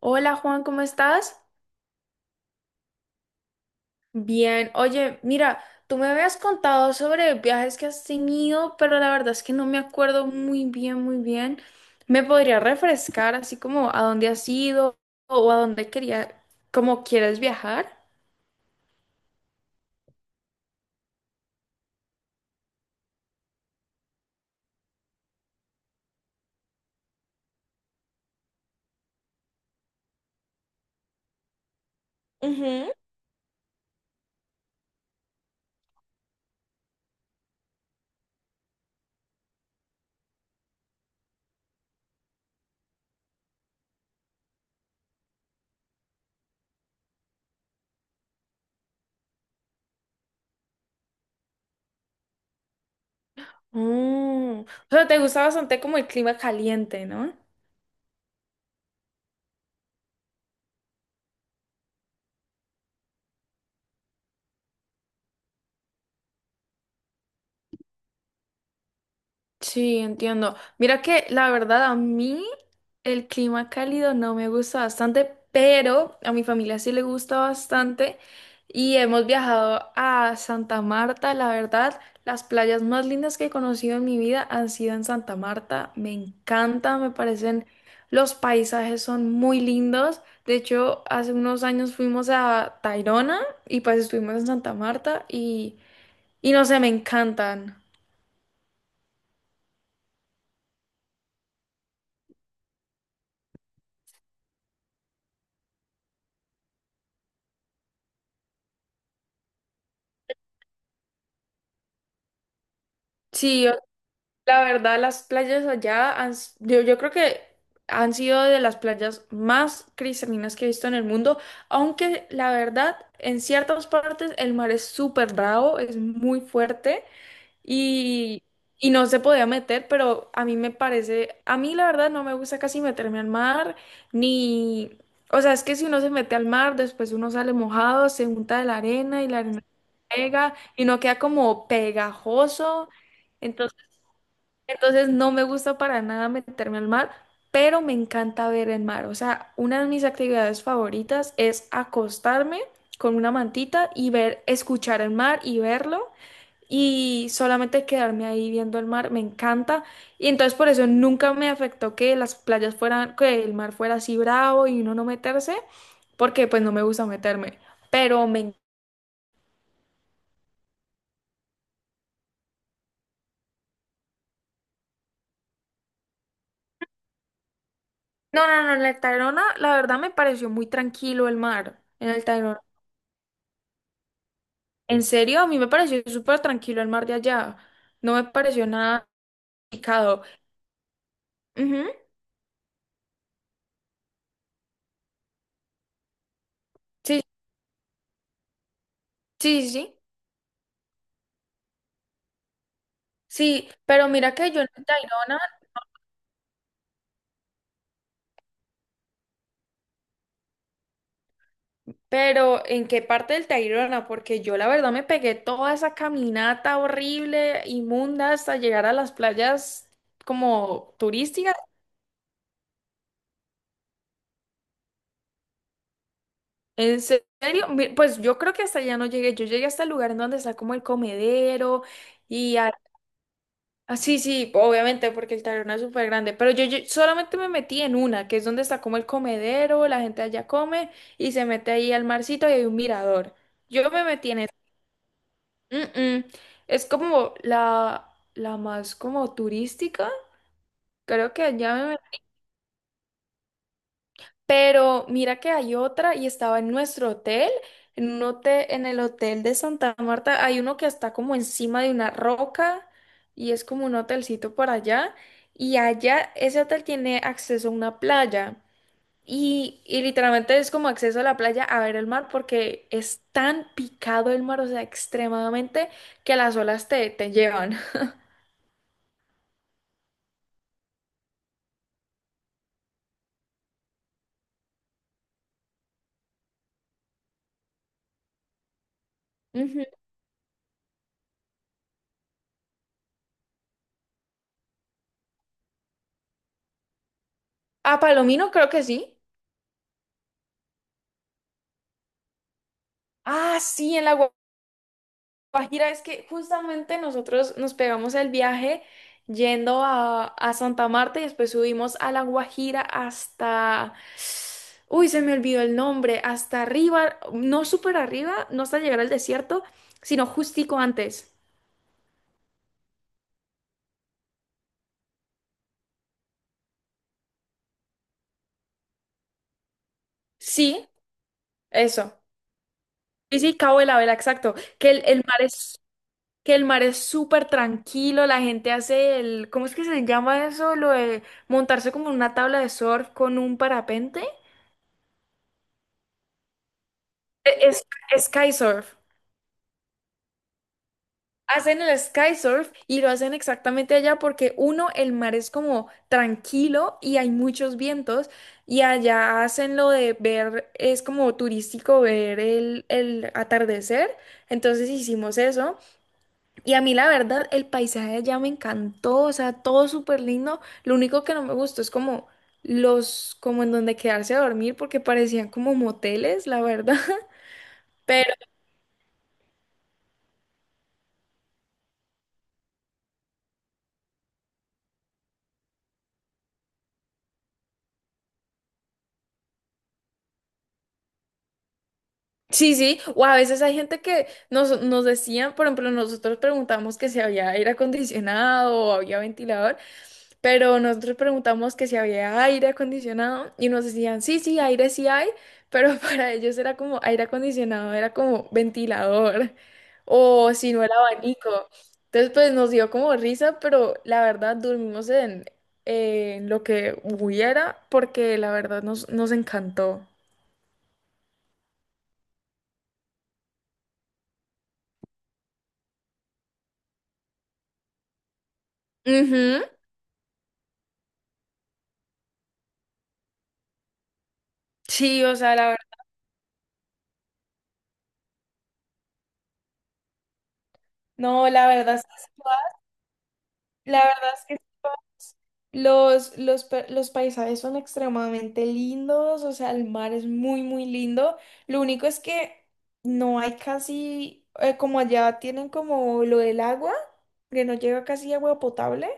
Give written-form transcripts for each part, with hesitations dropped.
Hola Juan, ¿cómo estás? Bien, oye, mira, tú me habías contado sobre viajes que has tenido, pero la verdad es que no me acuerdo muy bien. ¿Me podría refrescar así como a dónde has ido o a dónde quería, como quieres viajar? Ujú. Mm, o sea, te gusta bastante como el clima caliente, ¿no? Sí, entiendo. Mira que la verdad a mí el clima cálido no me gusta bastante, pero a mi familia sí le gusta bastante y hemos viajado a Santa Marta. La verdad, las playas más lindas que he conocido en mi vida han sido en Santa Marta. Me encanta, me parecen, los paisajes son muy lindos. De hecho, hace unos años fuimos a Tayrona y pues estuvimos en Santa Marta y no sé, me encantan. Sí, la verdad, las playas allá han, yo creo que han sido de las playas más cristalinas que he visto en el mundo, aunque la verdad, en ciertas partes el mar es súper bravo, es muy fuerte y, y no se podía meter, pero a mí me parece, a mí la verdad no me gusta casi meterme al mar, ni, o sea, es que si uno se mete al mar, después uno sale mojado, se unta de la arena y la arena pega y no queda como pegajoso. entonces entonces no me gusta para nada meterme al mar, pero me encanta ver el mar. O sea, una de mis actividades favoritas es acostarme con una mantita y ver, escuchar el mar y verlo y solamente quedarme ahí viendo el mar, me encanta. Y entonces por eso nunca me afectó que las playas fueran, que el mar fuera así bravo y uno no meterse, porque pues no me gusta meterme. Pero me... No, no, no, en el Tayrona la verdad me pareció muy tranquilo el mar. En el Tayrona. En serio, a mí me pareció súper tranquilo el mar de allá. No me pareció nada picado. Ujú, sí, sí, sí. Sí, sí, pero mira que yo en el Tayrona, pero ¿en qué parte del Tayrona? Porque yo la verdad me pegué toda esa caminata horrible, inmunda, hasta llegar a las playas como turísticas. ¿En serio? Pues yo creo que hasta allá no llegué. Yo llegué hasta el lugar en donde está como el comedero y ah, sí, sí, obviamente, porque el taberna es súper grande, pero yo solamente me metí en una, que es donde está como el comedero, la gente allá come y se mete ahí al marcito y hay un mirador. Yo me metí en esa. Mm, mm. Es como la más como turística, creo que allá me... Pero mira que hay otra y estaba en nuestro hotel, en un hotel, en el hotel de Santa Marta, hay uno que está como encima de una roca y es como un hotelcito por allá y allá ese hotel tiene acceso a una playa y literalmente es como acceso a la playa a ver el mar porque es tan picado el mar, o sea, extremadamente que las olas te, te llevan. Ujú. A Palomino creo que sí. Ah, sí, en la Guajira, es que justamente nosotros nos pegamos el viaje yendo a Santa Marta y después subimos a La Guajira hasta... Uy, se me olvidó el nombre, hasta arriba, no súper arriba, no hasta llegar al desierto, sino justico antes. Sí, eso. Sí, sí, Cabo de la Vela, exacto. Que el mar es, que el mar es súper tranquilo, la gente hace el, ¿cómo es que se llama eso? Lo de montarse como en una tabla de surf con un parapente. E, Es, es sky surf. Hacen el sky surf y lo hacen exactamente allá porque uno, el mar es como tranquilo y hay muchos vientos y allá hacen lo de ver, es como turístico ver el atardecer. Entonces hicimos eso y a mí la verdad el paisaje de allá me encantó, o sea, todo súper lindo. Lo único que no me gustó es como los, como en donde quedarse a dormir porque parecían como moteles, la verdad. Sí, sí, o a veces hay gente que nos decían, por ejemplo, nosotros preguntamos que si había aire acondicionado o había ventilador, pero nosotros preguntamos que si había aire acondicionado y nos decían, sí, sí, aire sí hay, pero para ellos era como aire acondicionado, era como ventilador o si no era abanico. Entonces, pues nos dio como risa, pero la verdad dormimos en lo que hubiera porque la verdad nos encantó. Ujú. Sí, o sea, la verdad. No, la verdad, la verdad es que los, los paisajes son extremadamente lindos, o sea, el mar es muy lindo. Lo único es que no hay casi, como allá tienen como lo del agua, que no llega casi agua potable.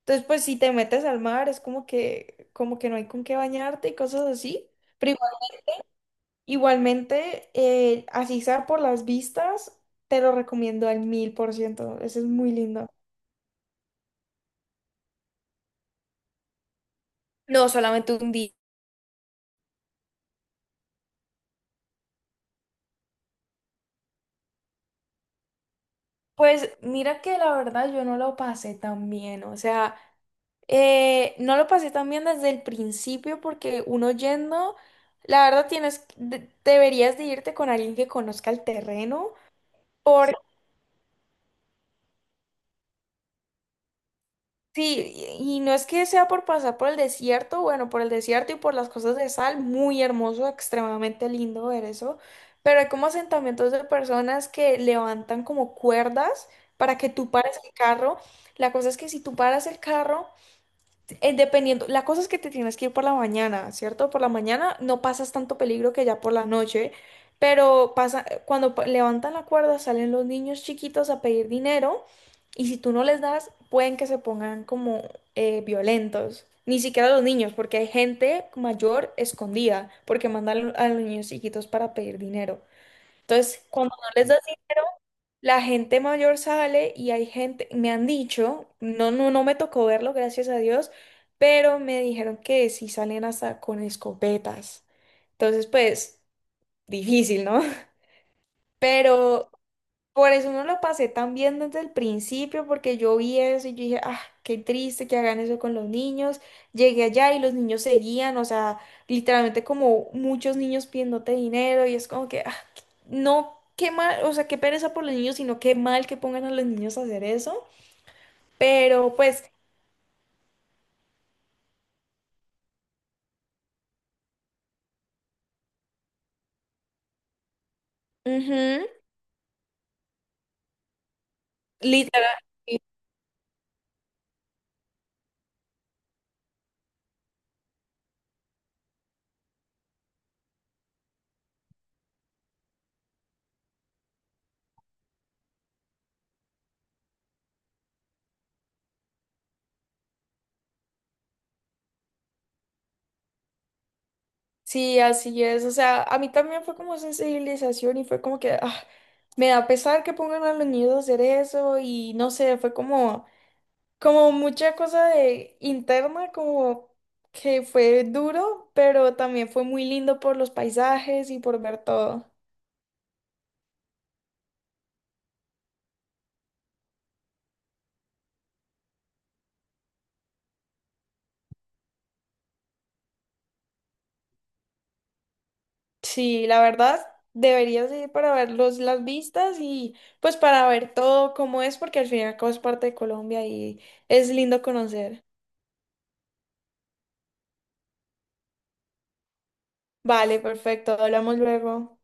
Entonces, pues si te metes al mar, es como que no hay con qué bañarte y cosas así. Pero igual- Igualmente, así sea por las vistas, te lo recomiendo al 1000%. Eso es muy lindo. No, solamente un día. Pues mira que la verdad yo no lo pasé tan bien, o sea, no lo pasé tan bien desde el principio porque uno yendo, la verdad tienes, deberías de irte con alguien que conozca el terreno, por sí, y no es que sea por pasar por el desierto, bueno, por el desierto y por las cosas de sal, muy hermoso, extremadamente lindo ver eso, pero hay como asentamientos de personas que levantan como cuerdas para que tú pares el carro, la cosa es que si tú paras el carro, eh, dependiendo, la cosa es que te tienes que ir por la mañana, ¿cierto? Por la mañana no pasas tanto peligro que ya por la noche, pero pasa, cuando levantan la cuerda salen los niños chiquitos a pedir dinero y si tú no les das, pueden que se pongan como violentos. Ni siquiera los niños, porque hay gente mayor escondida, porque mandan a los niños chiquitos para pedir dinero. Entonces, cuando no les das dinero, la gente mayor sale y hay gente, me han dicho, no, no, no me tocó verlo, gracias a Dios, pero me dijeron que sí salen hasta con escopetas. Entonces, pues, difícil, ¿no? Pero por eso no lo pasé tan bien desde el principio, porque yo vi eso y yo dije, ah, qué triste que hagan eso con los niños. Llegué allá y los niños seguían, o sea, literalmente como muchos niños pidiéndote dinero y es como que, ah, no, qué mal, o sea, qué pereza por los niños, sino qué mal que pongan a los niños a hacer eso. Pero pues, ujú, literal, sí, sí, así es. O sea, a mí también fue como sensibilización y fue como que, ah, me da pesar que pongan a los niños a hacer eso y no sé, fue como... como mucha cosa de interna, como que fue duro, pero también fue muy lindo por los paisajes y por ver todo. Sí, la verdad, deberías ir para ver los, las vistas y pues para ver todo cómo es, porque al fin y al cabo es parte de Colombia y es lindo conocer. Vale, perfecto, hablamos luego.